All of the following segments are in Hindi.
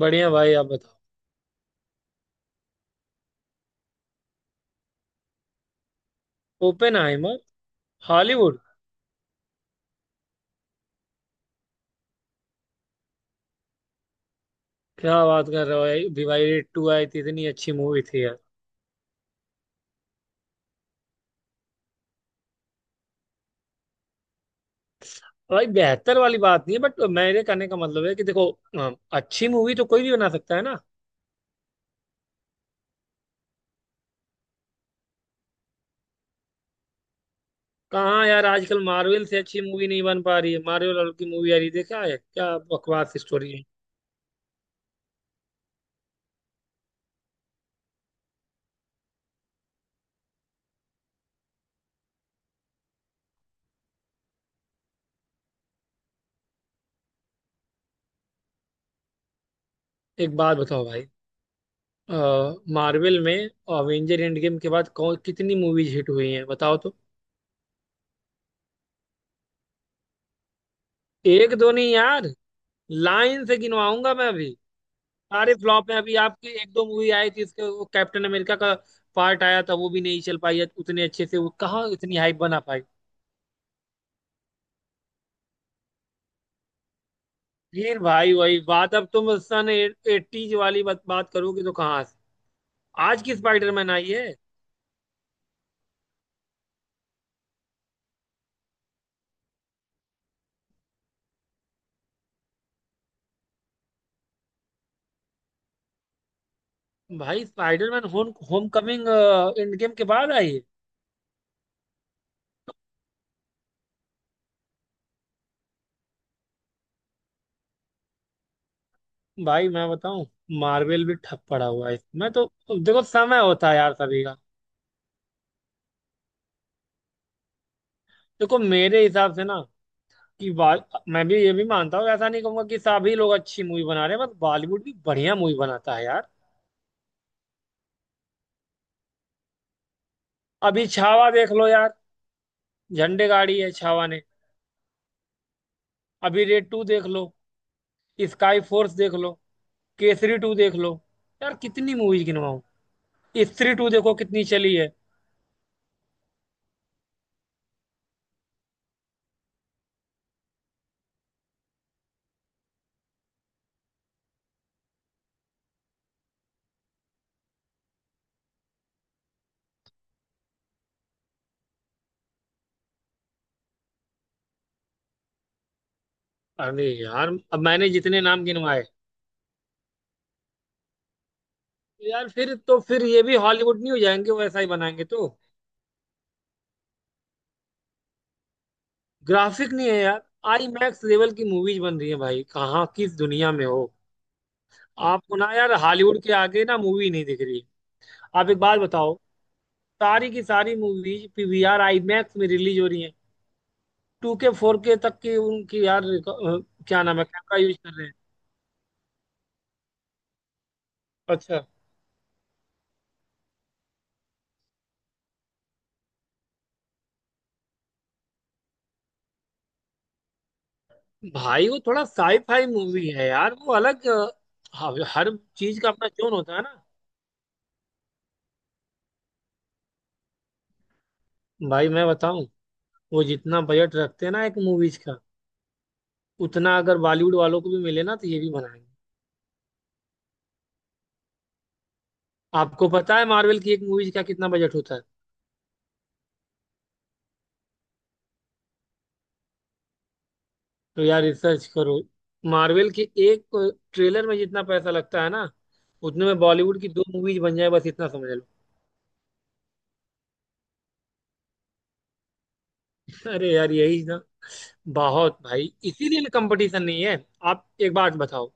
बढ़िया भाई, आप बताओ। ओपेनहाइमर। हॉलीवुड। क्या बात कर रहे हो भाई, डिवाइडेड टू आई थी, इतनी अच्छी मूवी थी यार। भाई बेहतर वाली बात नहीं है, बट मेरे कहने का मतलब है कि देखो अच्छी मूवी तो कोई भी बना सकता है ना। कहाँ यार, आजकल मार्वल से अच्छी मूवी नहीं बन पा रही है। मार्वल वालों की मूवी आ रही है, देखा है? क्या बकवास स्टोरी है। एक बात बताओ भाई, मार्वल में अवेंजर एंड गेम के बाद कौन कितनी मूवीज हिट हुई हैं बताओ तो। एक दो नहीं यार, लाइन से गिनवाऊंगा मैं अभी। सारे फ्लॉप हैं। अभी आपकी एक दो मूवी आई थी इसके, वो कैप्टन अमेरिका का पार्ट आया था, वो भी नहीं चल पाई उतने अच्छे से। वो कहाँ इतनी हाइप बना पाई। फिर भाई वही बात। अब तुम सन एटीज वाली बात बात करोगे तो कहाँ से आज की स्पाइडरमैन आई है। भाई Spiderman home homecoming end game के बाद आई है। भाई मैं बताऊं, मार्वल भी ठप पड़ा हुआ है मैं तो। देखो समय होता है यार सभी का। देखो मेरे हिसाब से ना कि बाल, मैं भी ये भी मानता हूँ, ऐसा नहीं कहूंगा कि सभी लोग अच्छी मूवी बना रहे हैं, बस बॉलीवुड भी बढ़िया मूवी बनाता है यार। अभी छावा देख लो यार, झंडे गाड़ी है छावा ने। अभी रेड टू देख लो, स्काई फोर्स देख लो, केसरी टू देख लो। यार कितनी मूवीज गिनवाऊं, स्त्री टू देखो कितनी चली है। अरे यार, अब मैंने जितने नाम गिनवाए। यार फिर तो, फिर ये भी हॉलीवुड नहीं हो जाएंगे वैसा ही बनाएंगे तो। ग्राफिक नहीं है यार, आई मैक्स लेवल की मूवीज बन रही है भाई, कहाँ किस दुनिया में हो। आपको ना यार हॉलीवुड के आगे ना मूवी नहीं दिख रही। आप एक बात बताओ। सारी की सारी मूवीज पीवीआर आईमैक्स में रिलीज हो रही हैं। टू के फोर के तक की उनकी यार क्या नाम है, कैमरा यूज कर रहे हैं। अच्छा। भाई वो थोड़ा साई फाई मूवी है यार, वो अलग हर हर चीज का अपना जोन होता है ना। भाई मैं बताऊं, वो जितना बजट रखते हैं ना एक मूवीज का, उतना अगर बॉलीवुड वालों को भी मिले ना तो ये भी बनाएंगे। आपको पता है मार्वल की एक मूवीज का कितना बजट होता है? तो यार रिसर्च करो। मार्वल के एक ट्रेलर में जितना पैसा लगता है ना, उतने में बॉलीवुड की दो मूवीज बन जाए, बस इतना समझ लो। अरे यार, यही ना, बहुत भाई इसीलिए कंपटीशन नहीं है। आप एक बात बताओ,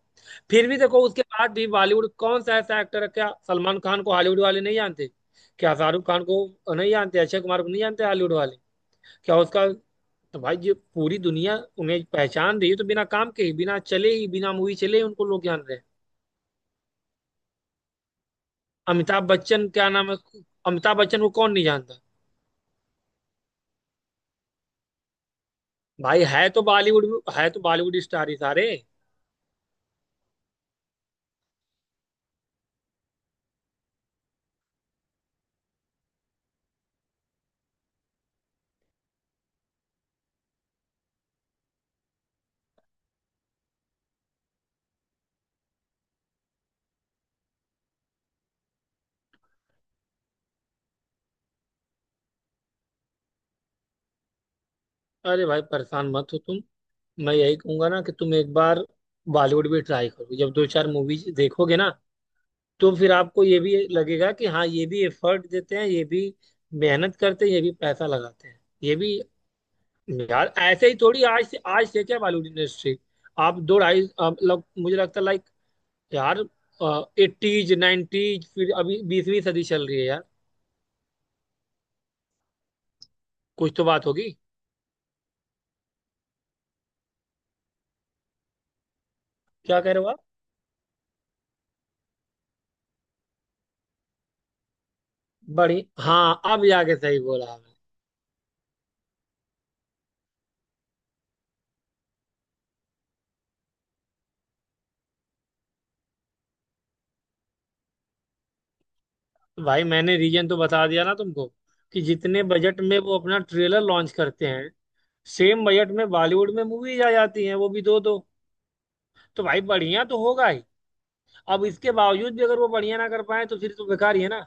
फिर भी देखो उसके बाद भी बॉलीवुड कौन सा ऐसा एक्टर है, क्या सलमान खान को हॉलीवुड वाले नहीं जानते, क्या शाहरुख खान को नहीं जानते, अक्षय कुमार को नहीं जानते हॉलीवुड वाले, क्या उसका, तो भाई ये पूरी दुनिया उन्हें पहचान रही है। तो बिना काम के ही, बिना चले ही, बिना मूवी चले ही उनको लोग जान रहे हैं। अमिताभ बच्चन क्या नाम है, अमिताभ बच्चन को कौन नहीं जानता। भाई है तो बॉलीवुड में, है तो बॉलीवुड स्टार ही सारे। अरे भाई परेशान मत हो तुम, मैं यही कहूंगा ना कि तुम एक बार बॉलीवुड भी ट्राई करो। जब दो चार मूवीज देखोगे ना, तो फिर आपको ये भी लगेगा कि हाँ, ये भी एफर्ट देते हैं ये भी, मेहनत करते हैं ये भी, पैसा लगाते हैं ये भी। यार ऐसे ही थोड़ी, आज से क्या बॉलीवुड इंडस्ट्री, आप दो ढाई मतलब मुझे लगता है, लाइक यार 80s 90s, फिर अभी 20वीं सदी चल रही है यार। कुछ तो बात होगी। क्या कह रहे हो आप, बड़ी, हाँ अब जाके सही बोला आपने। भाई मैंने रीजन तो बता दिया ना तुमको, कि जितने बजट में वो अपना ट्रेलर लॉन्च करते हैं, सेम बजट में बॉलीवुड में मूवीज आ जाती हैं, वो भी दो दो। तो भाई बढ़िया तो होगा ही। अब इसके बावजूद भी अगर वो बढ़िया ना कर पाए, तो फिर तो बेकार ही है ना।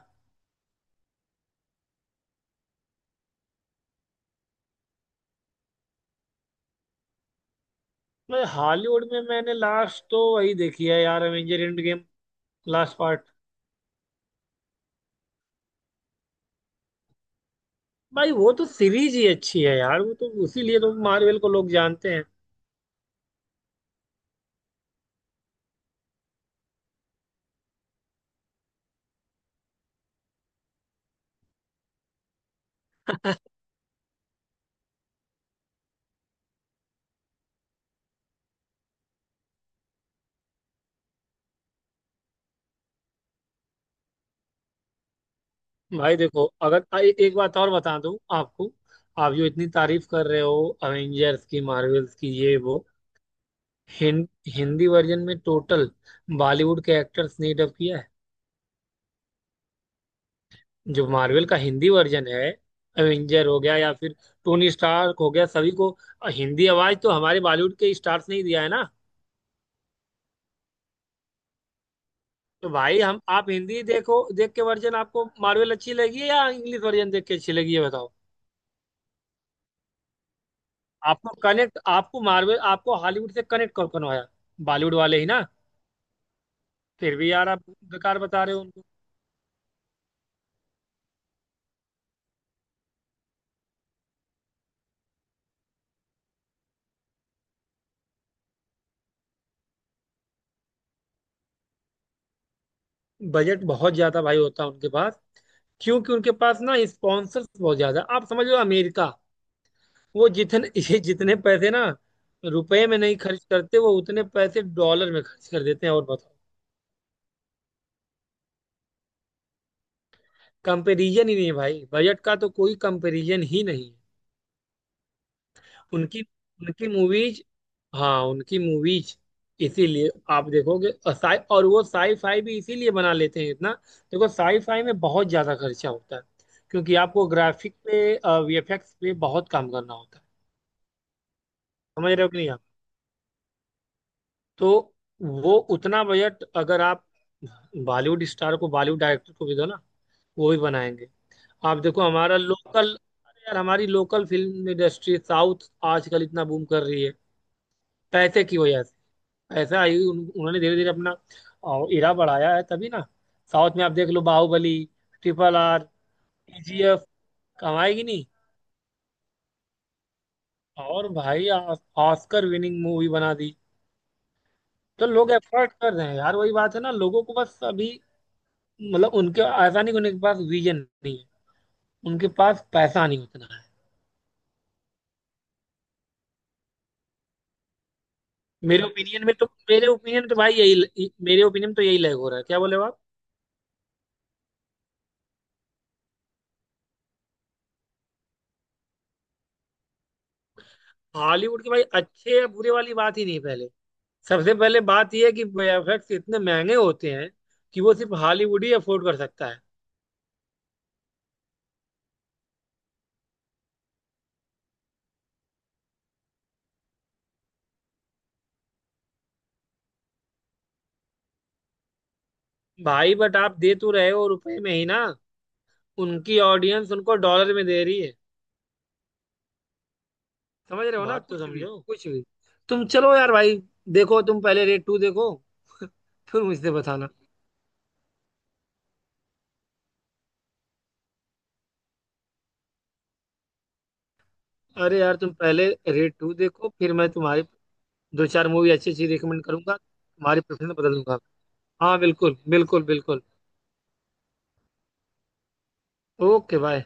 मैं हॉलीवुड में मैंने लास्ट तो वही देखी है यार, avenger end game, last part. भाई वो तो सीरीज ही अच्छी है यार, वो तो उसीलिए तो मार्वल को लोग जानते हैं। भाई देखो, अगर एक बात और बता दूं आपको, आप जो इतनी तारीफ कर रहे हो अवेंजर्स की, मार्वल्स की, ये वो हिं, हिंदी वर्जन में टोटल बॉलीवुड के एक्टर्स ने डब किया है। जो मार्वल का हिंदी वर्जन है, अवेंजर हो गया या फिर टोनी स्टार्क हो गया, सभी को हिंदी आवाज तो हमारे बॉलीवुड के स्टार्स ने ही दिया है ना। तो भाई हम, आप हिंदी देखो, देख के वर्जन आपको मार्वल अच्छी लगी है या इंग्लिश वर्जन देख के अच्छी लगी, ये बताओ। आपको कनेक्ट, आपको मार्वल, आपको हॉलीवुड से कनेक्ट कौन करवाया? बॉलीवुड वाले ही ना। फिर भी यार आप बेकार बता रहे हो उनको। बजट बहुत ज्यादा भाई होता है उनके पास, क्योंकि उनके पास ना स्पॉन्सर्स बहुत ज्यादा। आप समझ लो अमेरिका, वो जितने ये जितने पैसे ना रुपए में नहीं खर्च करते, वो उतने पैसे डॉलर में खर्च कर देते हैं, और बताओ। कंपेरिजन ही नहीं है भाई, बजट का तो कोई कंपेरिजन ही नहीं है। उनकी उनकी मूवीज, हाँ उनकी मूवीज इसीलिए आप देखोगे, और साई, और वो साई फाई भी इसीलिए बना लेते हैं इतना। देखो साई फाई में बहुत ज्यादा खर्चा होता है, क्योंकि आपको ग्राफिक पे, वीएफएक्स पे बहुत काम करना होता है। समझ रहे हो कि नहीं आप। तो वो उतना बजट अगर आप बॉलीवुड स्टार को, बॉलीवुड डायरेक्टर को भी दो ना, वो भी बनाएंगे। आप देखो हमारा लोकल, अरे यार हमारी लोकल फिल्म इंडस्ट्री साउथ आजकल इतना बूम कर रही है, पैसे की वजह से। ऐसा आई उन्होंने धीरे धीरे अपना इरा बढ़ाया है तभी ना। साउथ में आप देख लो, बाहुबली, RRR, केजीएफ कमाएगी नहीं, और भाई ऑस्कर विनिंग मूवी बना दी। तो लोग एफर्ट कर रहे हैं यार, वही बात है ना, लोगों को बस अभी मतलब, उनके ऐसा नहीं कि उनके पास विजन नहीं है, उनके पास पैसा नहीं उतना है। मेरे ओपिनियन में तो, मेरे ओपिनियन तो भाई यही, मेरे ओपिनियन तो यही लैग हो रहा है, क्या बोले आप। हॉलीवुड के भाई अच्छे या बुरे वाली बात ही नहीं है पहले। सबसे पहले बात यह है कि वीएफएक्स इतने महंगे होते हैं कि वो सिर्फ हॉलीवुड ही अफोर्ड कर सकता है। भाई बट आप दे तो रहे हो रुपए में ही ना, उनकी ऑडियंस उनको डॉलर में दे रही है। समझ रहे हो ना, वाह आप तो कुछ भी समझो, कुछ भी। तुम चलो यार भाई, देखो तुम पहले रेट टू देखो फिर मुझसे बताना। अरे यार तुम पहले रेट टू देखो, फिर मैं तुम्हारी दो चार मूवी अच्छी अच्छी रिकमेंड करूंगा, तुम्हारी प्रेफरेंस बदल दूंगा। हाँ बिल्कुल बिल्कुल बिल्कुल। Okay bye.